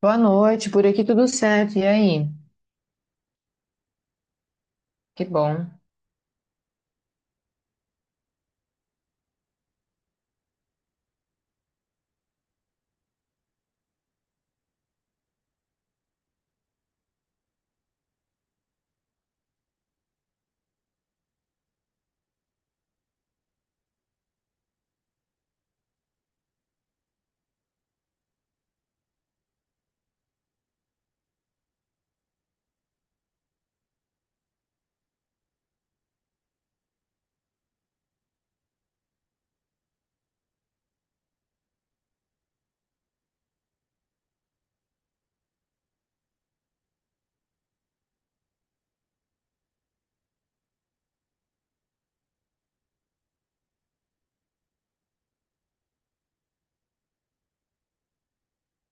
Boa noite, por aqui tudo certo. E aí? Que bom.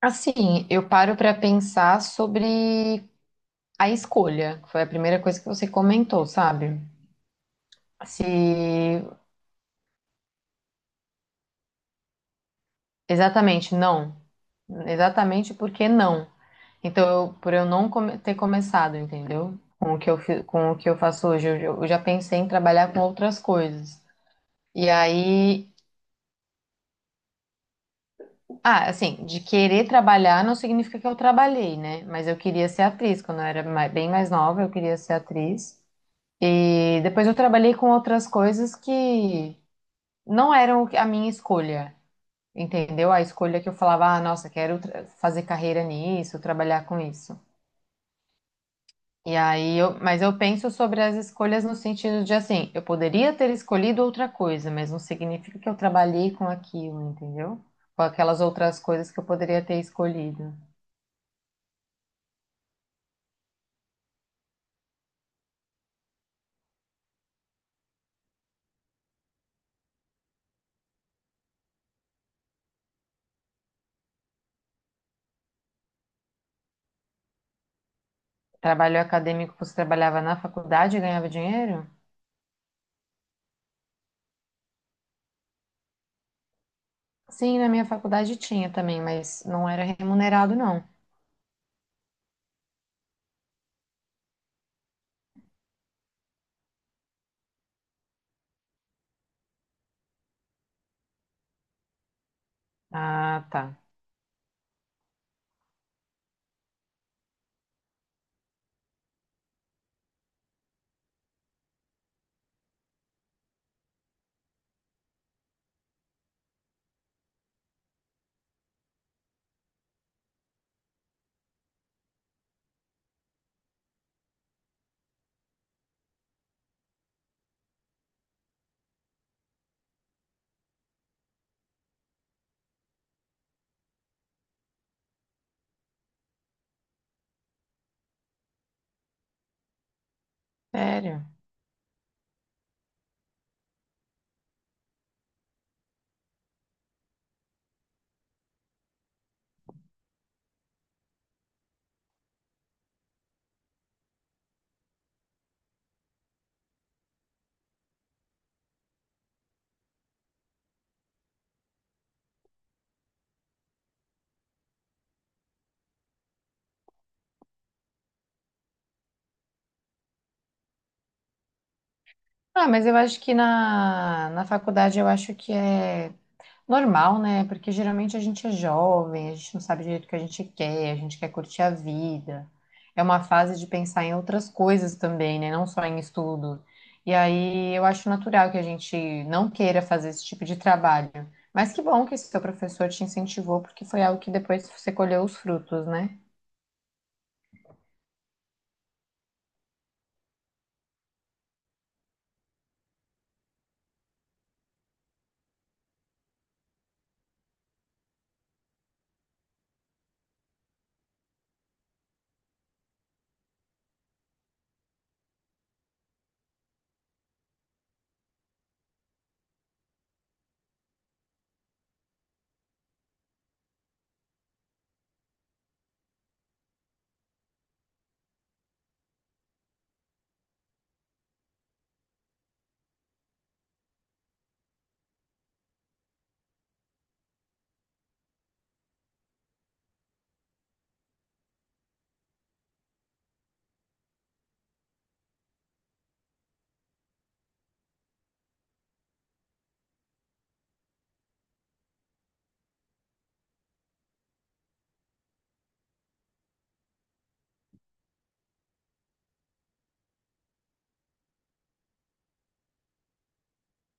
Assim, eu paro para pensar sobre a escolha, que foi a primeira coisa que você comentou, sabe? Se exatamente não, exatamente porque não. Então, por eu não come- ter começado, entendeu? Com o que com o que eu faço hoje, eu já pensei em trabalhar com outras coisas. E aí Ah, assim, de querer trabalhar não significa que eu trabalhei, né? Mas eu queria ser atriz. Quando eu era bem mais nova, eu queria ser atriz. E depois eu trabalhei com outras coisas que não eram a minha escolha, entendeu? A escolha que eu falava, ah, nossa, quero fazer carreira nisso, trabalhar com isso. Mas eu penso sobre as escolhas no sentido de assim, eu poderia ter escolhido outra coisa, mas não significa que eu trabalhei com aquilo, entendeu? Com aquelas outras coisas que eu poderia ter escolhido. Trabalho acadêmico, você trabalhava na faculdade e ganhava dinheiro? Sim, na minha faculdade tinha também, mas não era remunerado, não. Ah, tá. Sério? Ah, mas eu acho que na faculdade eu acho que é normal, né? Porque geralmente a gente é jovem, a gente não sabe direito o que a gente quer curtir a vida. É uma fase de pensar em outras coisas também, né? Não só em estudo. E aí eu acho natural que a gente não queira fazer esse tipo de trabalho. Mas que bom que esse seu professor te incentivou, porque foi algo que depois você colheu os frutos, né?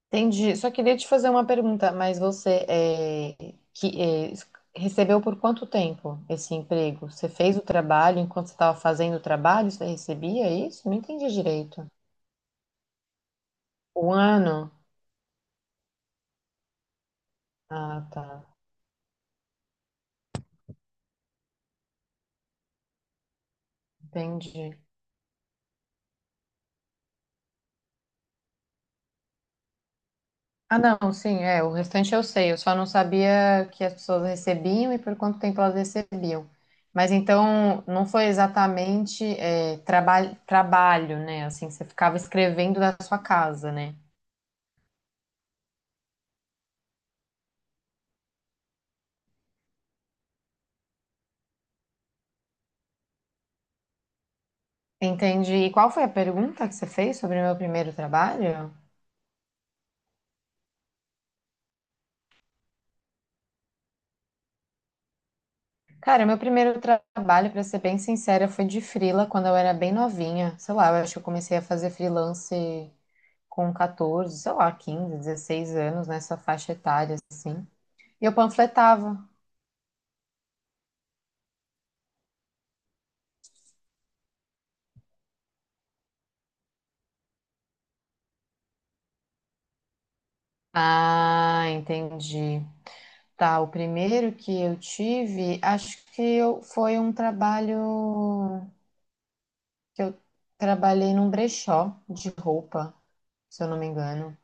Entendi. Só queria te fazer uma pergunta, mas você é, que, é, recebeu por quanto tempo esse emprego? Você fez o trabalho enquanto você estava fazendo o trabalho, você recebia isso? Não entendi direito. Um ano? Ah, tá. Entendi. Ah, não, sim, é, o restante eu sei, eu só não sabia que as pessoas recebiam e por quanto tempo elas recebiam. Mas então não foi exatamente trabalho, né? Assim, você ficava escrevendo da sua casa, né? Entendi. E qual foi a pergunta que você fez sobre o meu primeiro trabalho? Cara, meu primeiro trabalho, pra ser bem sincera, foi de frila quando eu era bem novinha. Sei lá, eu acho que eu comecei a fazer freelance com 14, sei lá, 15, 16 anos, nessa faixa etária, assim. E eu panfletava. Ah, entendi. Tá, o primeiro que eu tive, acho que eu, foi um trabalho que eu trabalhei num brechó de roupa, se eu não me engano.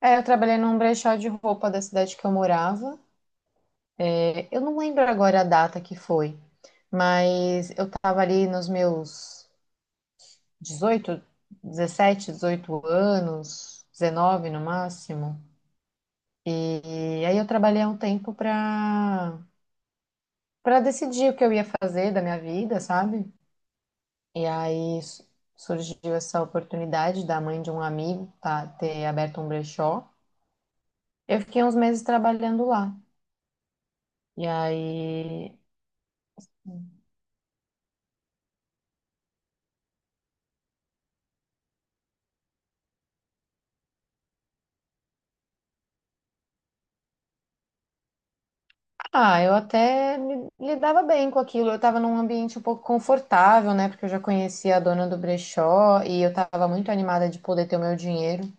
É, eu trabalhei num brechó de roupa da cidade que eu morava. É, eu não lembro agora a data que foi, mas eu tava ali nos meus 18, 17, 18 anos, 19 no máximo. E aí eu trabalhei há um tempo pra para decidir o que eu ia fazer da minha vida, sabe? E aí surgiu essa oportunidade da mãe de um amigo tá, ter aberto um brechó. Eu fiquei uns meses trabalhando lá. E aí Ah, eu até me lidava bem com aquilo. Eu estava num ambiente um pouco confortável, né? Porque eu já conhecia a dona do brechó e eu estava muito animada de poder ter o meu dinheiro.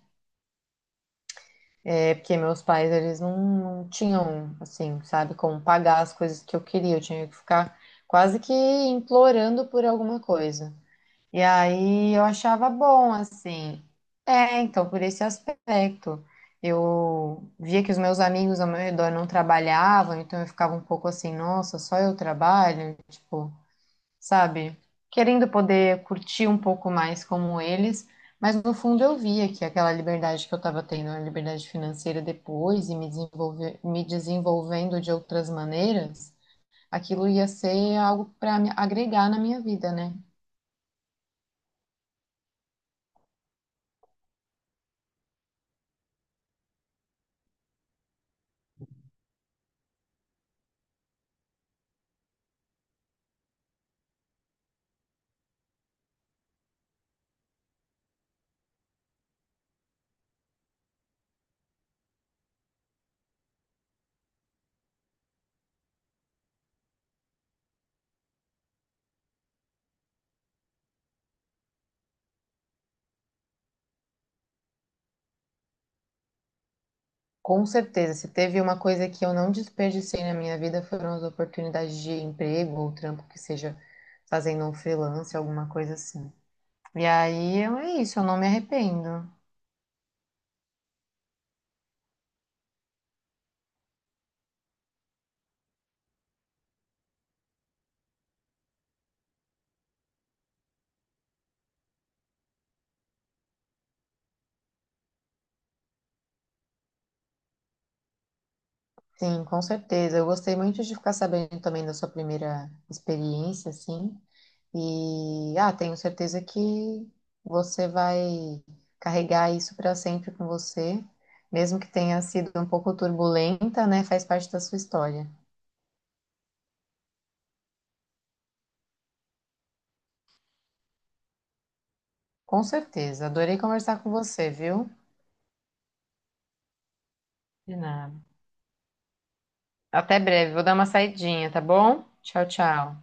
É porque meus pais, eles não tinham, assim, sabe, como pagar as coisas que eu queria. Eu tinha que ficar quase que implorando por alguma coisa. E aí eu achava bom, assim. É, então, por esse aspecto. Eu via que os meus amigos ao meu redor não trabalhavam, então eu ficava um pouco assim, nossa, só eu trabalho? Tipo, sabe? Querendo poder curtir um pouco mais como eles, mas no fundo eu via que aquela liberdade que eu estava tendo, a liberdade financeira depois e me desenvolver, me desenvolvendo de outras maneiras, aquilo ia ser algo para agregar na minha vida, né? Com certeza, se teve uma coisa que eu não desperdicei na minha vida foram as oportunidades de emprego ou trampo que seja fazendo um freelance, alguma coisa assim. É isso, eu não me arrependo. Sim, com certeza. Eu gostei muito de ficar sabendo também da sua primeira experiência, assim. E ah, tenho certeza que você vai carregar isso para sempre com você, mesmo que tenha sido um pouco turbulenta, né? Faz parte da sua história. Com certeza. Adorei conversar com você, viu? De nada. Até breve. Vou dar uma saidinha, tá bom? Tchau, tchau.